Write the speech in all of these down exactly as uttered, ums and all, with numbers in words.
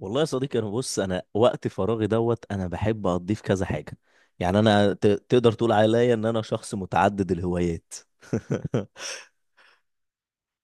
والله يا صديقي، انا بص انا وقت فراغي دوت انا بحب اقضيه في كذا حاجه. يعني انا ت- تقدر تقول عليا ان انا شخص متعدد الهوايات.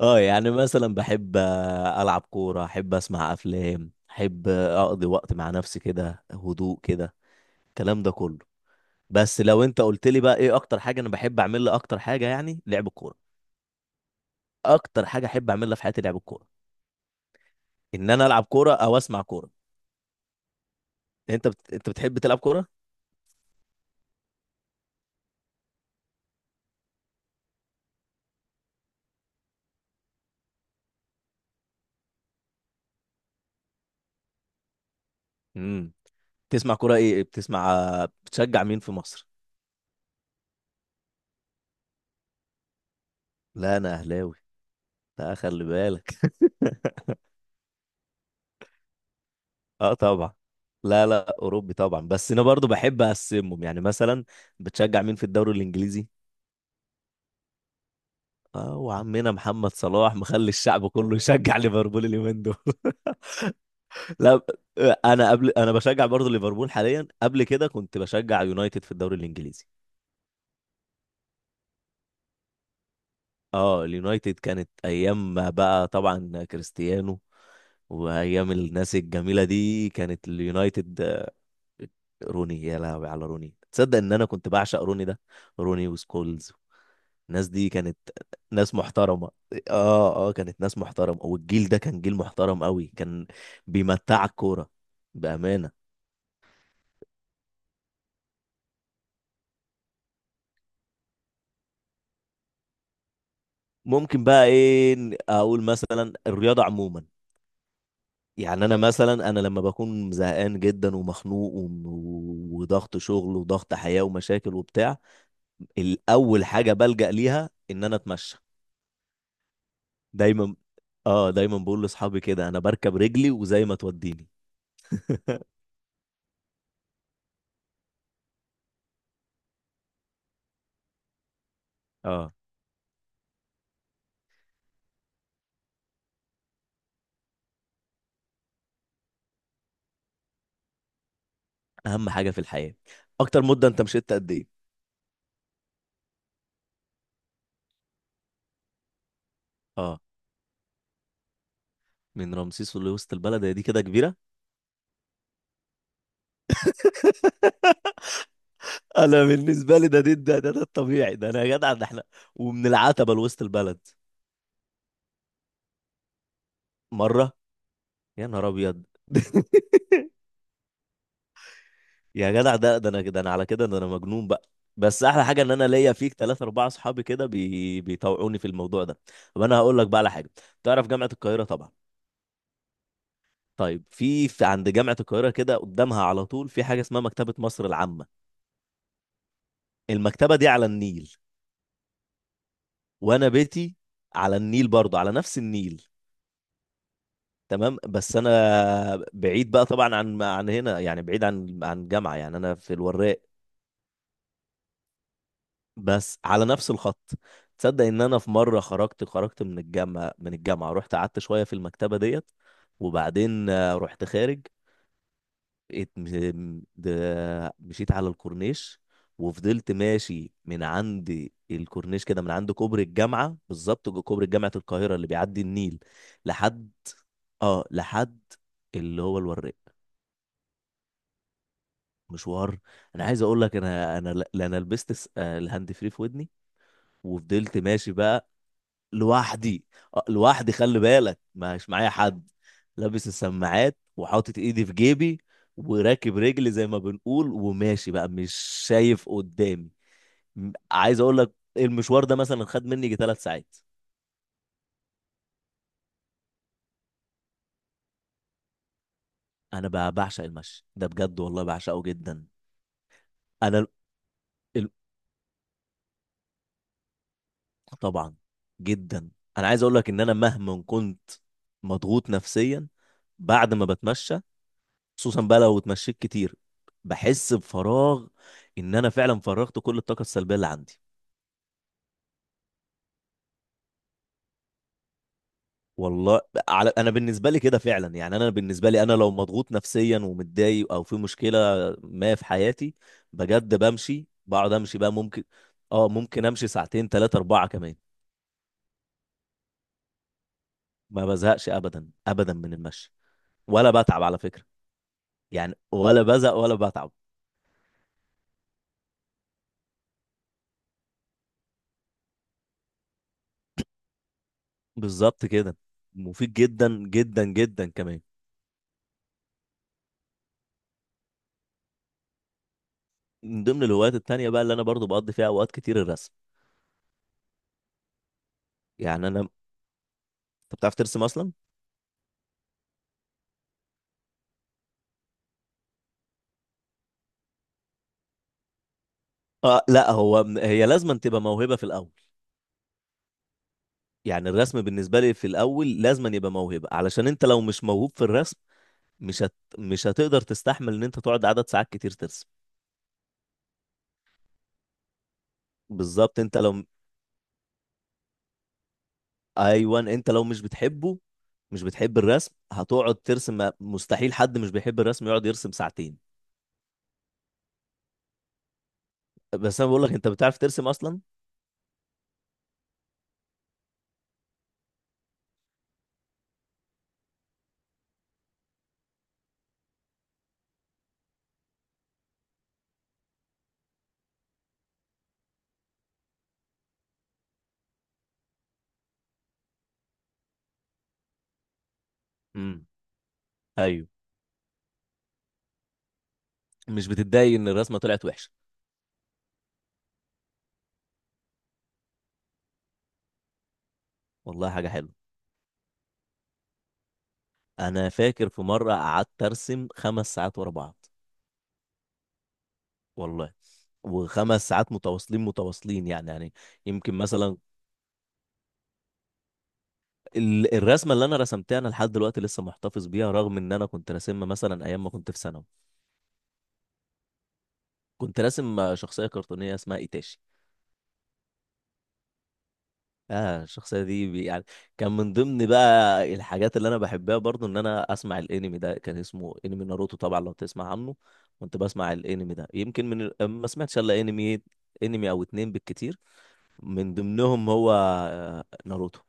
اه يعني مثلا بحب آه، العب كوره، احب اسمع افلام، احب آه، اقضي وقت مع نفسي كده، هدوء كده، الكلام ده كله. بس لو انت قلت لي بقى ايه اكتر حاجه انا بحب اعملها، اكتر حاجه يعني لعب الكوره. اكتر حاجه احب اعملها في حياتي لعب الكوره، ان انا العب كوره او اسمع كوره. انت بت... انت بتحب تلعب كوره؟ امم بتسمع كوره ايه؟ بتسمع؟ بتشجع مين في مصر؟ لا انا اهلاوي. لا، خلي بالك. اه، طبعا. لا، لا، اوروبي طبعا، بس انا برضو بحب اقسمهم، يعني مثلا بتشجع مين في الدوري الانجليزي؟ اه، وعمنا محمد صلاح مخلي الشعب كله يشجع ليفربول اليومين دول. لا، انا قبل انا بشجع برضو ليفربول حاليا، قبل كده كنت بشجع يونايتد في الدوري الانجليزي. اه، اليونايتد كانت ايام ما بقى طبعا كريستيانو وايام الناس الجميله دي كانت اليونايتد آه، روني، يا لهوي على روني، تصدق ان انا كنت بعشق روني ده؟ روني وسكولز. الناس دي كانت ناس محترمه. اه، اه، كانت ناس محترمه، والجيل ده كان جيل محترم قوي، كان بيمتع الكوره بامانه. ممكن بقى ايه اقول، مثلا الرياضه عموما. يعني انا مثلا انا لما بكون زهقان جدا ومخنوق وم- وضغط شغل وضغط حياة ومشاكل وبتاع، الاول حاجة بلجأ ليها ان انا اتمشى. دايما. اه دايما بقول لاصحابي كده انا بركب رجلي وزي ما توديني. اه، اهم حاجة في الحياة. اكتر مدة انت مشيت قد ايه؟ اه، من رمسيس لوسط البلد، هي دي كده كبيرة؟ انا بالنسبة لي ده ده ده, ده, ده الطبيعي، ده انا يا جدع، ده احنا ومن العتبة لوسط البلد مرة. يا نهار ابيض. يا جدع، ده ده انا، ده انا على كده، ده انا مجنون بقى. بس احلى حاجه ان انا ليا فيك ثلاثة اربعة اصحابي كده بي... بيطوعوني في الموضوع ده. طب انا هقول لك بقى على حاجه. تعرف جامعه القاهره طبعا؟ طيب في, في عند جامعه القاهره كده قدامها على طول في حاجه اسمها مكتبه مصر العامه. المكتبه دي على النيل، وانا بيتي على النيل برضه، على نفس النيل. تمام، بس انا بعيد بقى طبعا عن عن هنا، يعني بعيد عن عن الجامعه، يعني انا في الوراق. بس على نفس الخط. تصدق ان انا في مره خرجت خرجت من الجامعه من الجامعه رحت قعدت شويه في المكتبه ديت، وبعدين آه، رحت خارج. ات- م- د- مشيت على الكورنيش، وفضلت ماشي من عند الكورنيش كده، من عند كوبري الجامعه بالظبط، جو- كوبري جامعه القاهره اللي بيعدي النيل لحد اه لحد اللي هو الوراق. مشوار. انا عايز اقول لك انا، انا لا انا لبست س- آه، الهاند فري في ودني، وفضلت ماشي بقى لوحدي. آه، لوحدي، خلي بالك مش معايا حد، لابس السماعات وحاطط ايدي في جيبي وراكب رجلي زي ما بنقول، وماشي بقى مش شايف قدامي. م- عايز اقول لك المشوار ده مثلا خد مني يجي ثلاث ساعات. انا بقى بعشق المشي ده بجد، والله بعشقه جدا. انا ال... ال- طبعا، جدا. انا عايز اقول لك ان انا مهما كنت مضغوط نفسيا، بعد ما بتمشى، خصوصا بقى لو اتمشيت كتير، بحس بفراغ، ان انا فعلا فرغت كل الطاقه السلبيه اللي عندي. والله، على انا بالنسبه لي كده فعلا. يعني انا بالنسبه لي، انا لو مضغوط نفسيا ومتضايق او في مشكله ما في حياتي، بجد بمشي، بقعد امشي بقى ممكن. اه، ممكن امشي ساعتين، ثلاثه، اربعه كمان. ما بزهقش ابدا ابدا من المشي، ولا بتعب على فكره. يعني ولا بزهق ولا بتعب. بالظبط كده، مفيد جدا جدا جدا كمان. من ضمن الهوايات التانية بقى اللي انا برضو بقضي فيها اوقات كتير، الرسم. يعني انا انت بتعرف ترسم اصلا؟ اه، لا، هو هي لازما تبقى موهبة في الاول. يعني الرسم بالنسبة لي في الاول لازما يبقى موهبة، علشان انت لو مش موهوب في الرسم مش هت... مش هتقدر تستحمل ان انت تقعد عدد ساعات كتير ترسم. بالظبط، انت لو ايوه، انت لو مش بتحبه مش بتحب الرسم، هتقعد ترسم؟ مستحيل حد مش بيحب الرسم يقعد يرسم ساعتين. بس انا بقول لك، انت بتعرف ترسم اصلا؟ امم ايوه، مش بتتضايق ان الرسمة طلعت وحشة؟ والله حاجة حلوة. انا فاكر في مره قعدت ارسم خمس ساعات ورا بعض. والله، وخمس ساعات متواصلين متواصلين، يعني يعني. يمكن مثلا ال- الرسمه اللي انا رسمتها انا لحد دلوقتي لسه محتفظ بيها، رغم ان انا كنت راسمها مثلا ايام ما كنت في ثانوي. كنت راسم شخصيه كرتونيه اسمها ايتاشي. اه، الشخصيه دي بي- يعني كان من ضمن بقى الحاجات اللي انا بحبها برضو ان انا اسمع الانمي، ده كان اسمه انمي ناروتو، طبعا لو تسمع عنه. كنت بسمع الانمي ده يمكن من ال- ما سمعتش الا انمي انمي او اتنين بالكتير. من ضمنهم هو آه، ناروتو.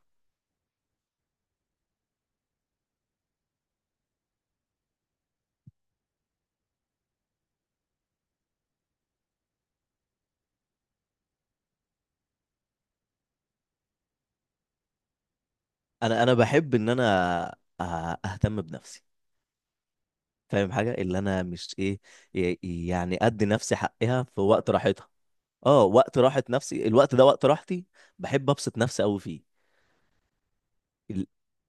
انا انا بحب ان انا آه، اهتم بنفسي. فاهم؟ حاجه اللي انا مش ايه، ي- يعني ادي نفسي حقها في وقت راحتها. اه، وقت راحه نفسي الوقت ده وقت راحتي، بحب ابسط نفسي قوي فيه. ال-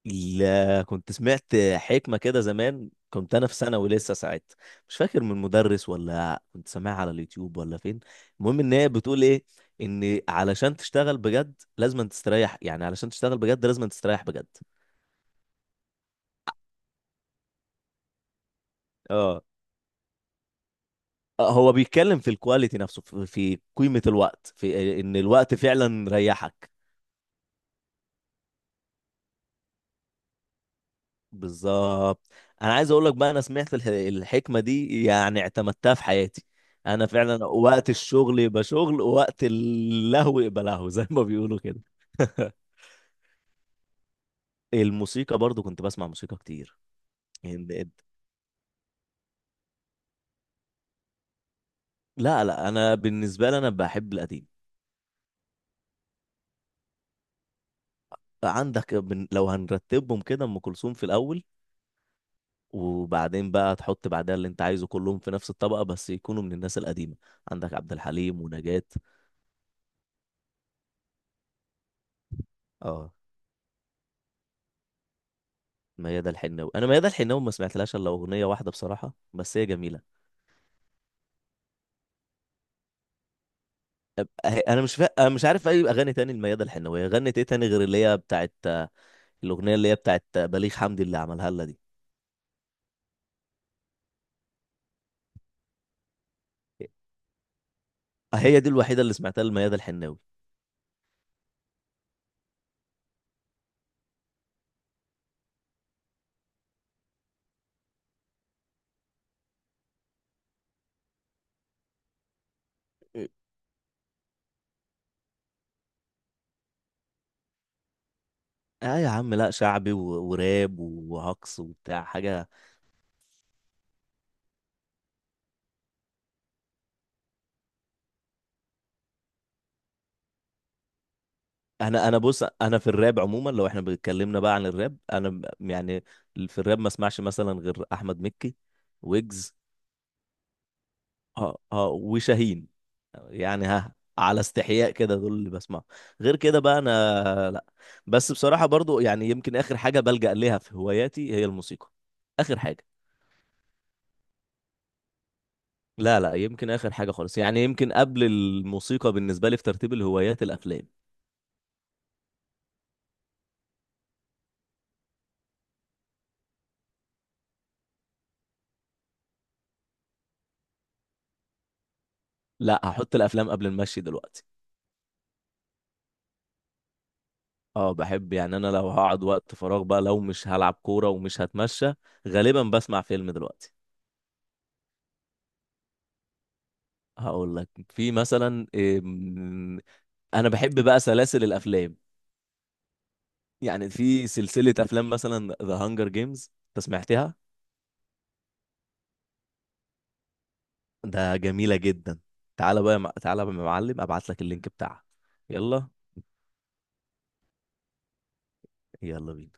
ال- كنت سمعت حكمة كده زمان، كنت أنا في ثانوي لسه ساعتها، مش فاكر من مدرس ولا كنت سامعها على اليوتيوب ولا فين. المهم إن هي بتقول إيه؟ إن علشان تشتغل بجد لازم تستريح، يعني علشان تشتغل بجد لازم تستريح بجد. اه، آه، هو بيتكلم في الكواليتي نفسه، في في قيمة الوقت، في إن الوقت فعلا ريحك. بالظبط. انا عايز اقول لك بقى، انا سمعت الح- الحكمه دي يعني اعتمدتها في حياتي. انا فعلا وقت الشغل يبقى شغل ووقت اللهو يبقى لهو، زي ما بيقولوا كده. الموسيقى برضو كنت بسمع موسيقى كتير. يعني، لا، لا، انا بالنسبه لي انا بحب القديم. عندك بن- لو هنرتبهم كده، ام كلثوم في الاول، وبعدين بقى تحط بعدها اللي انت عايزه كلهم في نفس الطبقه، بس يكونوا من الناس القديمه. عندك عبد الحليم ونجاة. اه، ميادة الحناوي. انا ميادة الحناوي ما سمعتلهاش الا اغنيه واحده بصراحه، بس هي جميله. أب- أه- انا مش فا... أنا مش عارف اي اغاني تاني لميادة الحناوي، غنت ايه تاني غير اللي هي بتاعت الاغنيه اللي هي بتاعت بليغ حمدي اللي عملها لها دي؟ هي دي الوحيده اللي سمعتها لميادة الحناوي. اه يا عم، لا، شعبي و... وراب وهقص وبتاع حاجه. انا انا بص، انا في الراب عموما، لو احنا بنتكلمنا بقى عن الراب، انا ب- يعني في الراب ما اسمعش مثلا غير احمد مكي، ويجز. اه، اه، وشاهين. يعني ها، على استحياء كده دول اللي بسمعه. غير كده بقى انا لا. بس بصراحة برضو يعني يمكن اخر حاجة بلجأ ليها في هواياتي هي الموسيقى. اخر حاجة. لا، لا، يمكن اخر حاجة خالص، يعني يمكن قبل الموسيقى بالنسبة لي في ترتيب الهوايات الافلام. لا، هحط الافلام قبل المشي دلوقتي. اه، بحب، يعني انا لو هقعد وقت فراغ بقى، لو مش هلعب كورة ومش هتمشى، غالبا بسمع فيلم دلوقتي. هقول لك في مثلا إيه، م- انا بحب بقى سلاسل الافلام. يعني في سلسلة أفلام مثلا ذا هانجر جيمز، أنت سمعتها؟ ده جميلة جدا. تعالى بقى يا مع- تعالى بقى يا معلم أبعت لك اللينك بتاعها. يلا. يلا بينا.